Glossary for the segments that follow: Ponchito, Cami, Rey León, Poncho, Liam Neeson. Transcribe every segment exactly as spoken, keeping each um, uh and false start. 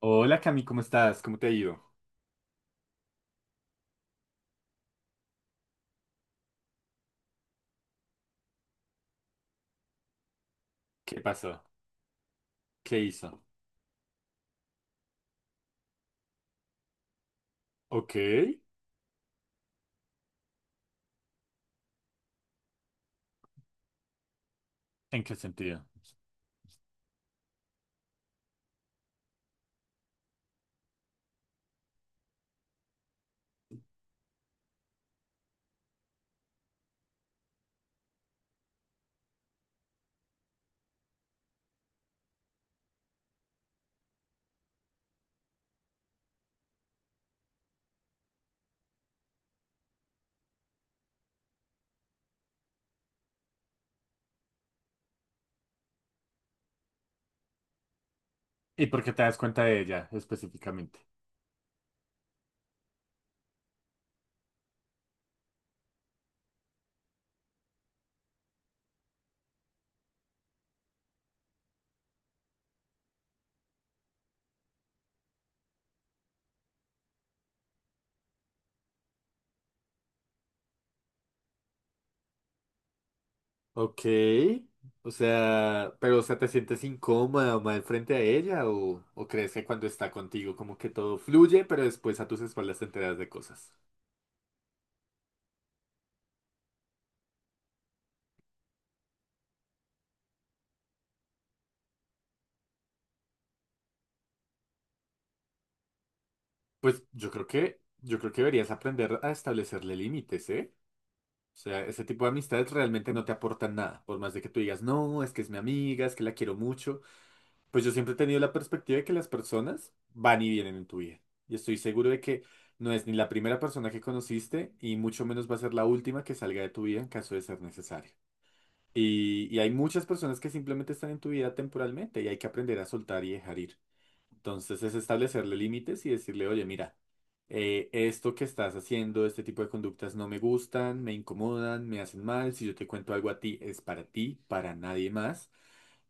Hola Cami, ¿cómo estás? ¿Cómo te ha ido? ¿Qué pasó? ¿Qué hizo? Ok. ¿En qué sentido? ¿Y por qué te das cuenta de ella específicamente? Ok. O sea, pero o sea, ¿te sientes incómoda o mal frente a ella? ¿O, o crees que cuando está contigo como que todo fluye, pero después a tus espaldas te enteras de cosas? Pues yo creo que, yo creo que deberías aprender a establecerle límites, ¿eh? O sea, ese tipo de amistades realmente no te aportan nada, por más de que tú digas, no, es que es mi amiga, es que la quiero mucho. Pues yo siempre he tenido la perspectiva de que las personas van y vienen en tu vida. Y estoy seguro de que no es ni la primera persona que conociste y mucho menos va a ser la última que salga de tu vida en caso de ser necesario. Y, y hay muchas personas que simplemente están en tu vida temporalmente y hay que aprender a soltar y dejar ir. Entonces es establecerle límites y decirle, oye, mira, eh, esto que estás haciendo, este tipo de conductas no me gustan, me incomodan, me hacen mal. Si yo te cuento algo a ti, es para ti, para nadie más.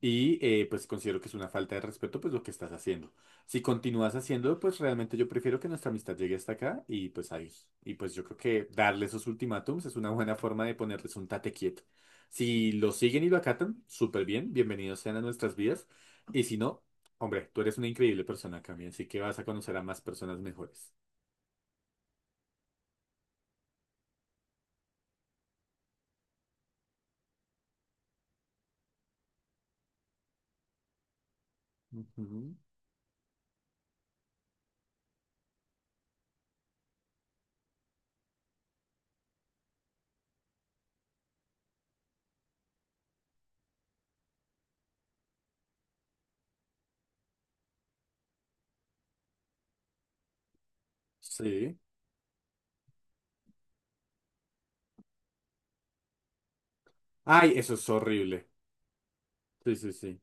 Y eh, pues considero que es una falta de respeto pues lo que estás haciendo. Si continúas haciendo, pues realmente yo prefiero que nuestra amistad llegue hasta acá y pues adiós. Y pues yo creo que darle esos ultimátums es una buena forma de ponerles un tate quieto. Si lo siguen y lo acatan, súper bien, bienvenidos sean a nuestras vidas. Y si no, hombre, tú eres una increíble persona, Cami, así que vas a conocer a más personas mejores. Ujú. Sí. Ay, eso es horrible. Sí, sí, sí.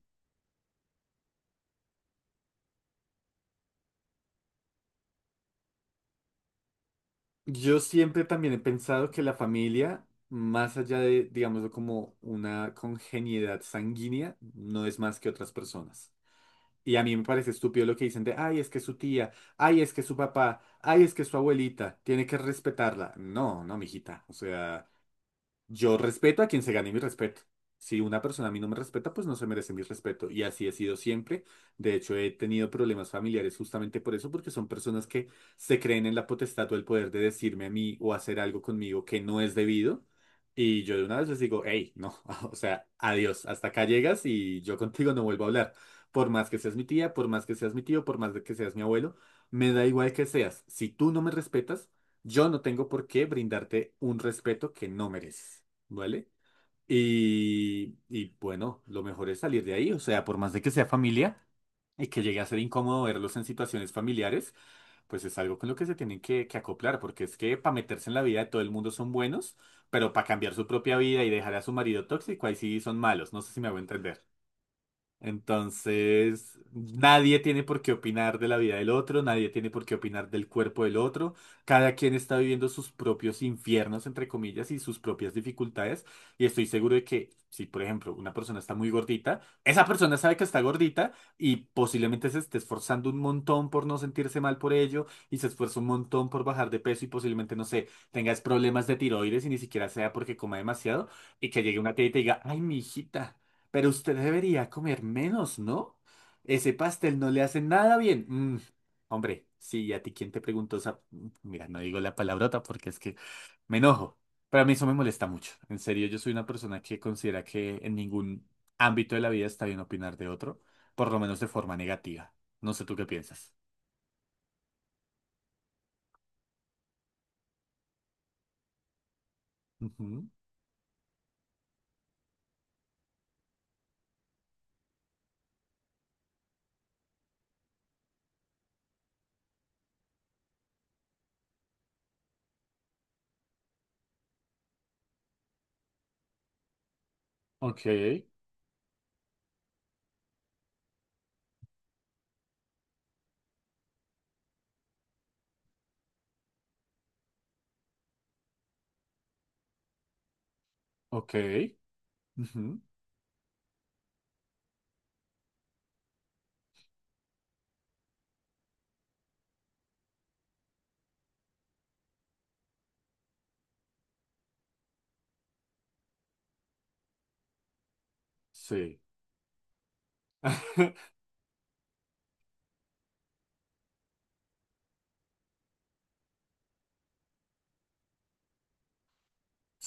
Yo siempre también he pensado que la familia, más allá de, digámoslo, como una congeniedad sanguínea, no es más que otras personas. Y a mí me parece estúpido lo que dicen de, ay, es que su tía, ay, es que su papá, ay, es que su abuelita, tiene que respetarla. No, no, mijita. O sea, yo respeto a quien se gane mi respeto. Si una persona a mí no me respeta, pues no se merece mi respeto. Y así he sido siempre. De hecho, he tenido problemas familiares justamente por eso, porque son personas que se creen en la potestad o el poder de decirme a mí o hacer algo conmigo que no es debido. Y yo de una vez les digo, hey, no, o sea, adiós, hasta acá llegas y yo contigo no vuelvo a hablar. Por más que seas mi tía, por más que seas mi tío, por más de que seas mi abuelo, me da igual que seas. Si tú no me respetas, yo no tengo por qué brindarte un respeto que no mereces, ¿vale? Y, y bueno, lo mejor es salir de ahí, o sea, por más de que sea familia y que llegue a ser incómodo verlos en situaciones familiares, pues es algo con lo que se tienen que, que acoplar, porque es que para meterse en la vida de todo el mundo son buenos, pero para cambiar su propia vida y dejar a su marido tóxico, ahí sí son malos, no sé si me hago entender. Entonces, nadie tiene por qué opinar de la vida del otro, nadie tiene por qué opinar del cuerpo del otro. Cada quien está viviendo sus propios infiernos, entre comillas, y sus propias dificultades. Y estoy seguro de que si, por ejemplo, una persona está muy gordita, esa persona sabe que está gordita y posiblemente se esté esforzando un montón por no sentirse mal por ello y se esfuerza un montón por bajar de peso y posiblemente, no sé, tengas problemas de tiroides y ni siquiera sea porque coma demasiado y que llegue una tía y te diga, ay, mi hijita. Pero usted debería comer menos, ¿no? Ese pastel no le hace nada bien. Mm, hombre, sí, ¿a ti quién te preguntó? esa- Mm, mira, no digo la palabrota porque es que me enojo. Pero a mí eso me molesta mucho. En serio, yo soy una persona que considera que en ningún ámbito de la vida está bien opinar de otro, por lo menos de forma negativa. No sé tú qué piensas. Ujú. Ok, ok. Ujú. Sí.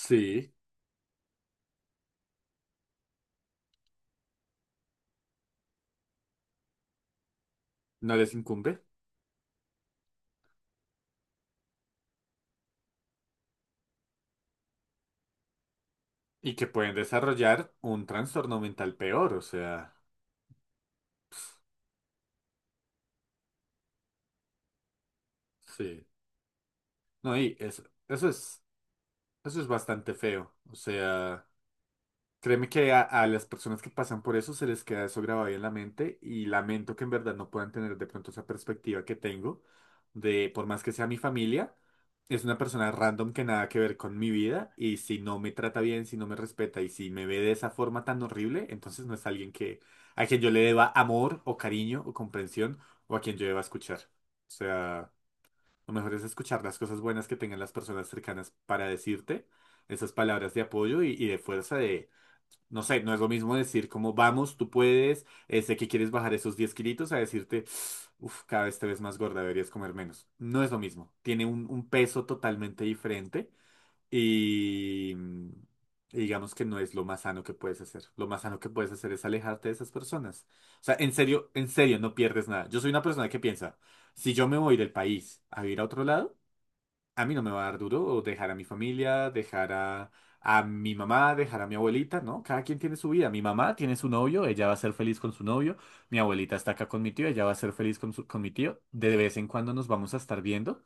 Sí. ¿No les incumbe? Y que pueden desarrollar un trastorno mental peor, o sea, sí. No, y es- Eso es, eso es bastante feo. O sea. Créeme que a, a las personas que pasan por eso se les queda eso grabado ahí en la mente y lamento que en verdad no puedan tener de pronto esa perspectiva que tengo de, por más que sea mi familia, es una persona random que nada que ver con mi vida y si no me trata bien, si no me respeta y si me ve de esa forma tan horrible, entonces no es alguien que, a quien yo le deba amor o cariño o comprensión o a quien yo deba escuchar. O sea... Lo mejor es escuchar las cosas buenas que tengan las personas cercanas para decirte esas palabras de apoyo y, y de fuerza de, no sé, no es lo mismo decir como vamos, tú puedes, eh, sé que quieres bajar esos diez kilitos a decirte, uff, cada vez te ves más gorda, deberías comer menos. No es lo mismo, tiene un, un peso totalmente diferente y mm, y digamos que no es lo más sano que puedes hacer. Lo más sano que puedes hacer es alejarte de esas personas. O sea, en serio, en serio, no pierdes nada. Yo soy una persona que piensa, si yo me voy del país a vivir a otro lado, a mí no me va a dar duro o dejar a mi familia, dejar a, a mi mamá, dejar a mi abuelita, ¿no? Cada quien tiene su vida. Mi mamá tiene su novio, ella va a ser feliz con su novio. Mi abuelita está acá con mi tío, ella va a ser feliz con, su- con mi tío. De vez en cuando nos vamos a estar viendo.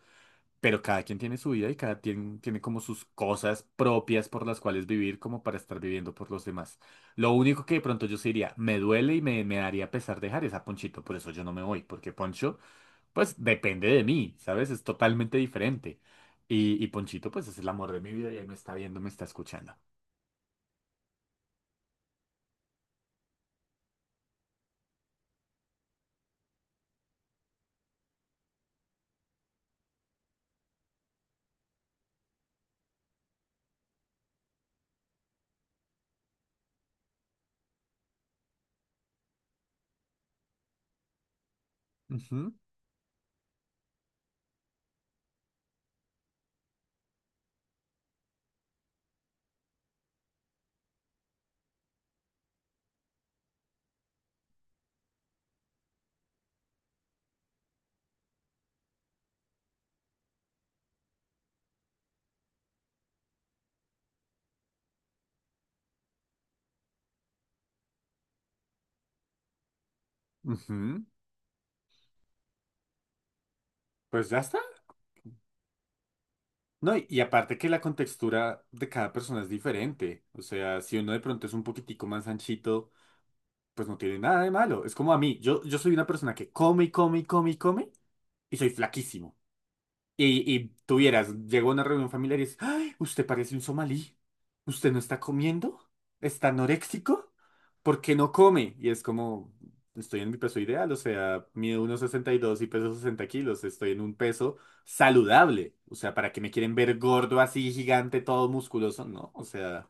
Pero cada quien tiene su vida y cada quien tiene como sus cosas propias por las cuales vivir como para estar viviendo por los demás. Lo único que de pronto yo sí diría, me duele y me, me daría pesar dejar esa Ponchito, por eso yo no me voy, porque Poncho, pues depende de mí, ¿sabes? Es totalmente diferente. Y, y Ponchito, pues es el amor de mi vida y él me está viendo, me está escuchando. Ujú, ujú. Pues ya está. No, y, y aparte que la contextura de cada persona es diferente. O sea, si uno de pronto es un poquitico más anchito pues no tiene nada de malo. Es como a mí, yo, yo soy una persona que come y come y come y come y soy flaquísimo. Y, y tú vieras, llego a una reunión familiar y es, ¡ay! Usted parece un somalí. ¿Usted no está comiendo? ¿Está anoréxico? ¿Por qué no come? Y es como, estoy en mi peso ideal, o sea, mido uno sesenta y dos y peso sesenta kilos, estoy en un peso saludable. O sea, ¿para qué me quieren ver gordo así, gigante, todo musculoso? No, o sea...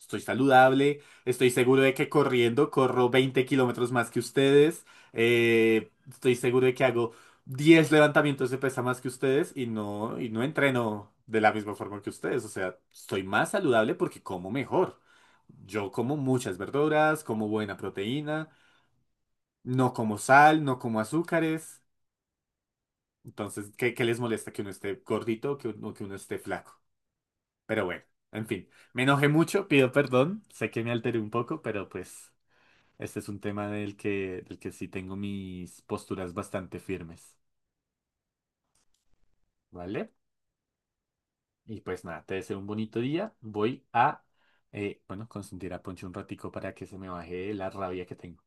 Estoy saludable, estoy seguro de que corriendo corro veinte kilómetros más que ustedes, eh, estoy seguro de que hago diez levantamientos de pesa más que ustedes y no, y no entreno de la misma forma que ustedes, o sea, estoy más saludable porque como mejor. Yo como muchas verduras, como buena proteína, no como sal, no como azúcares, entonces, ¿qué, qué les molesta que uno esté gordito o que, uno- que uno esté flaco? Pero bueno, en fin, me enojé mucho, pido perdón, sé que me alteré un poco, pero pues... Este es un tema del que, del que sí tengo mis posturas bastante firmes, ¿vale? Y pues nada, te deseo un bonito día. Voy a, eh, bueno, consentir a Poncho un ratico para que se me baje la rabia que tengo.